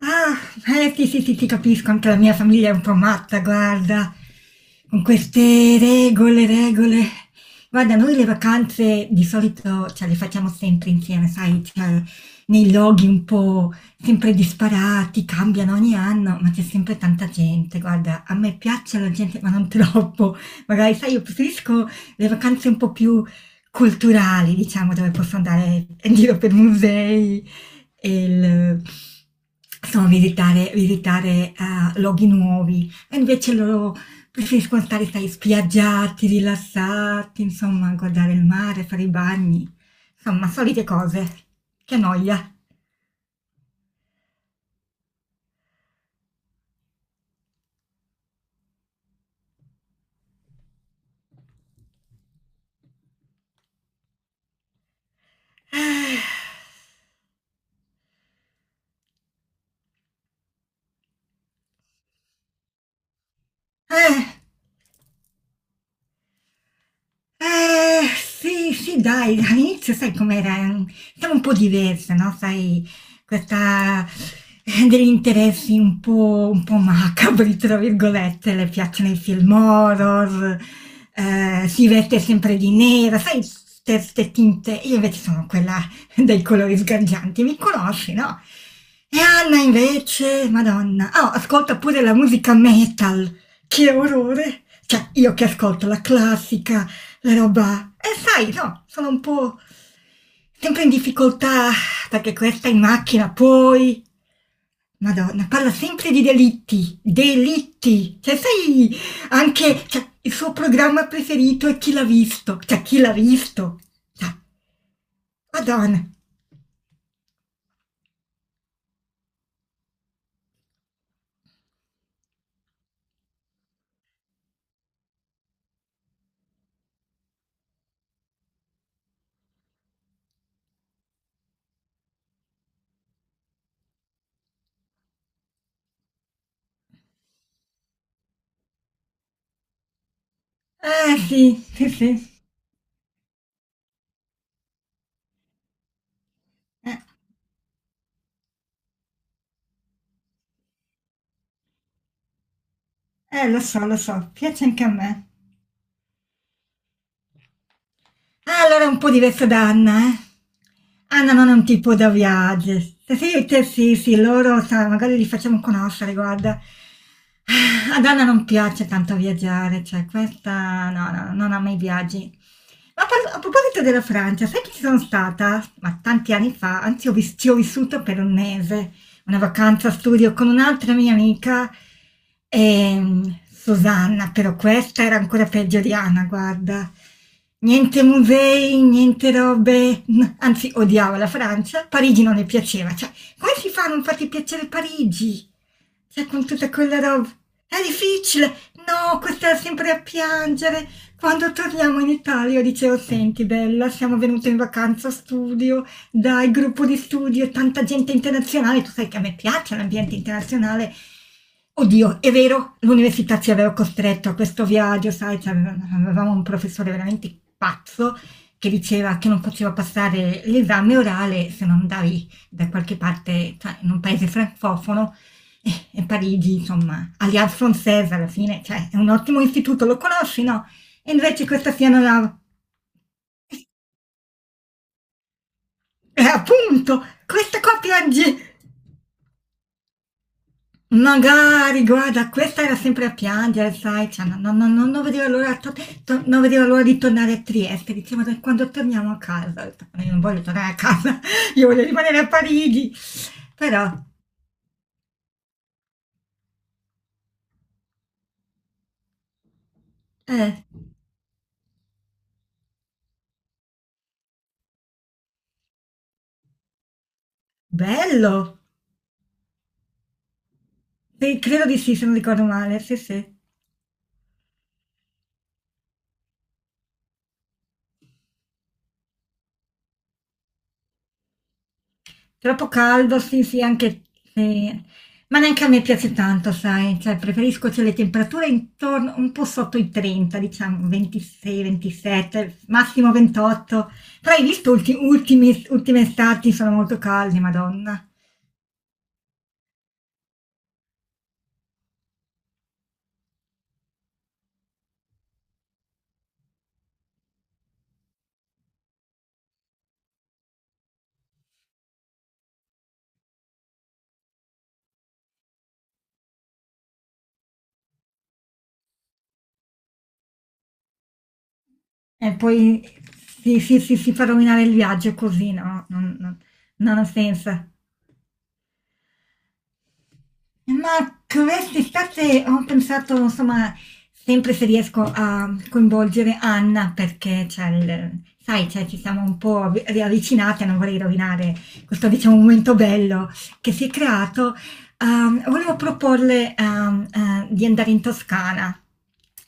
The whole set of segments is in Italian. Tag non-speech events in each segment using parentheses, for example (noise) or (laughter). Ah, sì, sì, sì, ti capisco, anche la mia famiglia è un po' matta, guarda, con queste regole. Guarda, noi le vacanze di solito cioè, le facciamo sempre insieme, sai, cioè, nei luoghi un po' sempre disparati, cambiano ogni anno, ma c'è sempre tanta gente. Guarda, a me piace la gente, ma non troppo. Magari, sai, io preferisco le vacanze un po' più culturali, diciamo, dove posso andare in giro per musei, e il, insomma, visitare luoghi nuovi. E invece loro preferiscono stare, sai, spiaggiati, rilassati, insomma, guardare il mare, fare i bagni, insomma, solite cose. Che noia. Eh. Sì, sì, dai, all'inizio sai com'era? Stavo un po' diversa, no? Sai, questa degli interessi un po' macabri, tra virgolette, le piacciono i film horror, si veste sempre di nera, sai, queste tinte. Io invece sono quella dai colori sgargianti, mi conosci, no? E Anna invece, Madonna, oh, ascolta pure la musica metal, che orrore! Cioè, io che ascolto la classica la roba. E sai, no, sono un po' sempre in difficoltà perché questa in macchina poi. Madonna, parla sempre di delitti. Cioè, sai, anche cioè, il suo programma preferito è Chi l'ha visto. Cioè, chi l'ha visto? Cioè, Madonna. Eh sì, sì, sì. Eh, lo so, piace anche a me. Ah, allora è un po' diverso da Anna, eh. Anna non è un tipo da viaggio. Se sì, te sì, sì, loro, sa, magari li facciamo conoscere, guarda. Ah, ad Anna non piace tanto viaggiare, cioè questa no, no, non ama i viaggi. A proposito della Francia, sai che ci sono stata? Ma tanti anni fa, anzi ci ho vissuto per un mese una vacanza studio con un'altra mia amica, Susanna, però questa era ancora peggio di Anna, guarda. Niente musei, niente robe, anzi odiavo la Francia, Parigi non le piaceva, cioè come si fa a non farti piacere Parigi? Cioè con tutta quella roba, è difficile, no, questa è sempre a piangere. Quando torniamo in Italia io dicevo, senti bella, siamo venute in vacanza studio, dai, gruppo di studio e tanta gente internazionale, tu sai che a me piace l'ambiente internazionale. Oddio, è vero, l'università ci aveva costretto a questo viaggio, sai, avevamo un professore veramente pazzo che diceva che non poteva passare l'esame orale se non andavi da qualche parte, cioè in un paese francofono, e Parigi, insomma, Alliance Française alla fine, cioè è un ottimo istituto, lo conosci, no? E invece questa sia non la. E appunto, questa qua piange! Magari, guarda, questa era sempre a piangere, sai, cioè, no- no- no- no- non, vedeva l'ora, non vedeva l'ora di tornare a Trieste, diceva "Dai, quando torniamo a casa," ho detto, "Ma io non voglio tornare a casa, (laughs) io voglio rimanere a Parigi, però," eh, bello. Sì, credo di sì se non ricordo male, sì sì. Troppo caldo, sì, sì, anche se ma neanche a me piace tanto, sai, cioè preferisco cioè, le temperature intorno un po' sotto i 30, diciamo 26, 27, massimo 28. Però hai visto ultime estati sono molto calde, Madonna. E poi sì, sì, sì, si fa rovinare il viaggio così, no, non ha senso. Ma quest'estate ho pensato, insomma, sempre se riesco a coinvolgere Anna, perché c'è il, sai, cioè, ci siamo un po' riavvicinate, non vorrei rovinare questo, diciamo, momento bello che si è creato. Volevo proporle, di andare in Toscana.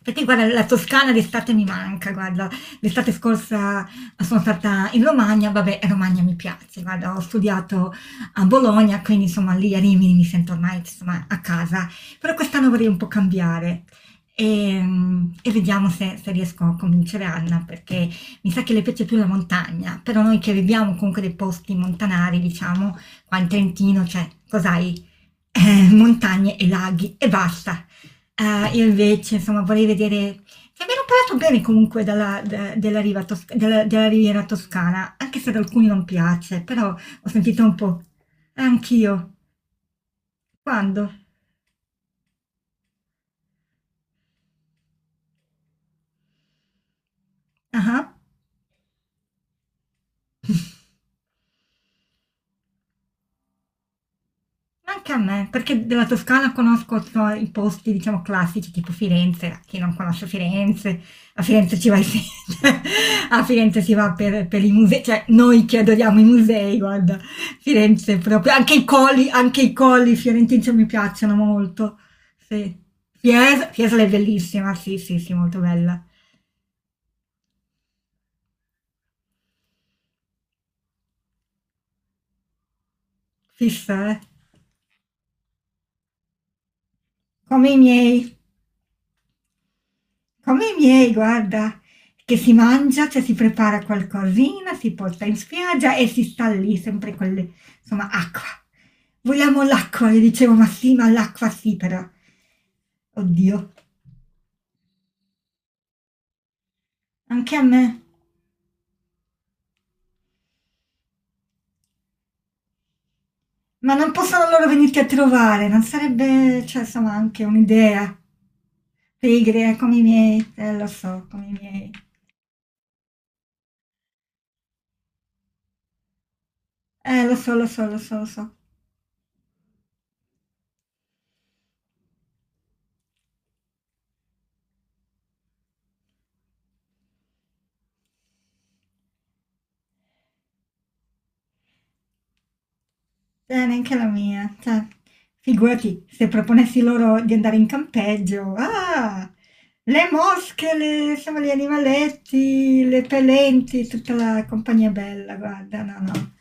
Perché guarda, la Toscana d'estate mi manca, guarda, l'estate scorsa sono stata in Romagna, vabbè, Romagna mi piace, guarda, ho studiato a Bologna, quindi insomma lì a Rimini mi sento ormai insomma, a casa, però quest'anno vorrei un po' cambiare. E, e vediamo se riesco a convincere Anna perché mi sa che le piace più la montagna, però noi che viviamo comunque dei posti montanari, diciamo, qua in Trentino, cioè, cos'hai? Montagne e laghi e basta. Io invece, insomma, vorrei vedere. Cioè, mi hanno parlato bene comunque della della Riviera Toscana, anche se ad alcuni non piace, però ho sentito un po'. Anch'io. Quando? Ah. Ah. Anche a me, perché della Toscana conosco so, i posti, diciamo, classici, tipo Firenze, chi non conosce Firenze, a Firenze ci vai sempre, (laughs) a Firenze si va per i musei, cioè noi che adoriamo i musei, guarda, Firenze proprio, anche i colli fiorentini cioè, mi piacciono molto, sì. Fiesole è bellissima, sì, sì, sì, molto bella, fissa, eh? Come i miei. Come i miei, guarda, che si mangia, cioè si prepara qualcosina, si porta in spiaggia e si sta lì sempre con le, insomma, acqua. Vogliamo l'acqua, le dicevo, ma sì, ma l'acqua sì, però. Oddio, anche a me. Ma non possono loro venirti a trovare, non sarebbe, cioè, insomma, anche un'idea. Pigri, come i miei, lo so, come i miei. Lo so, lo so, lo so, lo so. Neanche la mia. Cioè, figurati, se proponessi loro di andare in campeggio. Ah, le mosche, insomma, gli animaletti, le pelenti, tutta la compagnia bella, guarda, no, no.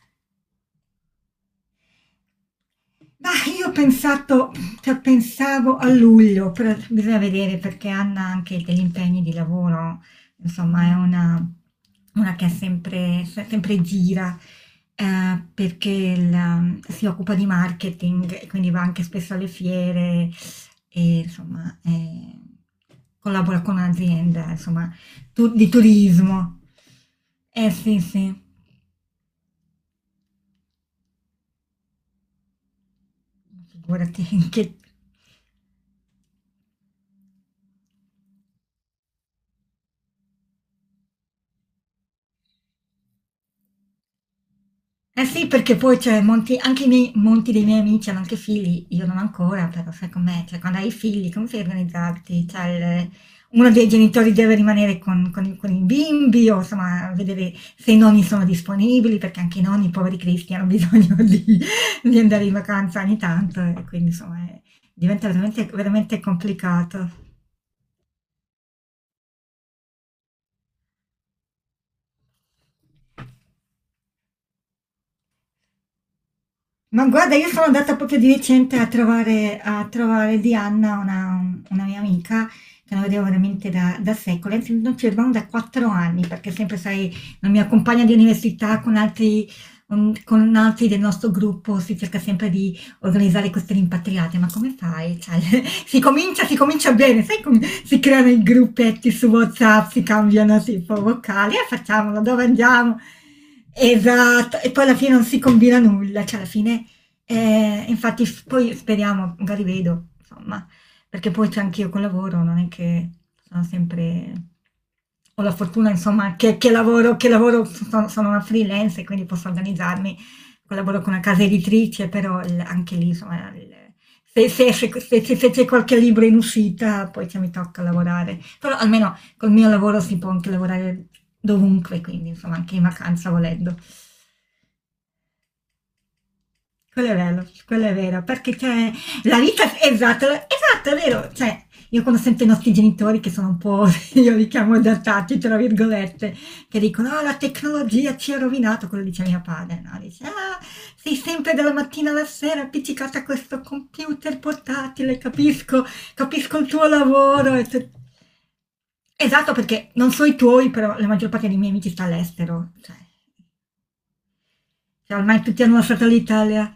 Ma io ho pensato, cioè, pensavo a luglio, però bisogna vedere perché Anna ha anche degli impegni di lavoro, insomma è una che è sempre, sempre gira, perché si occupa di marketing, e quindi va anche spesso alle fiere e insomma collabora con un'azienda, insomma, di turismo. Eh sì, sì, figurati (laughs) che. Eh sì, perché poi c'è molti, anche i miei, molti dei miei amici hanno anche figli, io non ancora, però sai com'è, cioè quando hai figli come fai a organizzarti? Cioè, uno dei genitori deve rimanere con con i bimbi o insomma vedere se i nonni sono disponibili, perché anche i nonni, poveri cristi, hanno bisogno (laughs) di andare in vacanza ogni tanto e quindi insomma diventa veramente complicato. Ma guarda, io sono andata proprio di recente a a trovare Diana, una mia amica, che non vedevo veramente da secoli, anzi non ci vedevamo da quattro anni, perché sempre, sai, la mia compagna di università con altri, con altri del nostro gruppo si cerca sempre di organizzare queste rimpatriate, ma come fai? Cioè, (laughs) si comincia bene, sai come si creano i gruppetti su WhatsApp, si cambiano tipo vocali, e facciamolo, dove andiamo? Esatto, e poi alla fine non si combina nulla, cioè alla fine. Infatti f poi speriamo, magari vedo, insomma, perché poi c'è anch'io col lavoro, non è che sono sempre ho la fortuna insomma che lavoro sono una freelance e quindi posso organizzarmi, collaboro con una casa editrice, però il anche lì insomma il se c'è qualche libro in uscita poi cioè mi tocca lavorare. Però almeno col mio lavoro si può anche lavorare dovunque, quindi insomma anche in vacanza volendo. Quello è vero, perché c'è la vita, esatto, esatto, è vero, cioè io quando sento i nostri genitori che sono un po', (laughs) io li chiamo adattati, tra virgolette, che dicono, ah, la tecnologia ci ha rovinato, quello dice mio padre, no? Dice, ah, sei sempre dalla mattina alla sera appiccicata a questo computer portatile, capisco, capisco il tuo lavoro. Esatto, perché non so i tuoi, però la maggior parte dei miei amici sta all'estero, cioè, ormai tutti hanno lasciato l'Italia.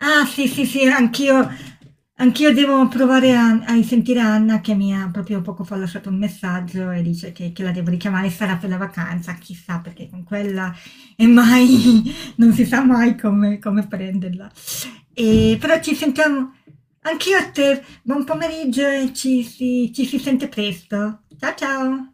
Ah sì, sì, sì, anch'io devo provare a a risentire Anna che mi ha proprio poco fa lasciato un messaggio e dice che la devo richiamare, sarà per la vacanza, chissà, perché con quella è mai (laughs) non si sa mai come prenderla. Però ci sentiamo anch'io a te, buon pomeriggio e ci si sente presto. Ciao, ciao.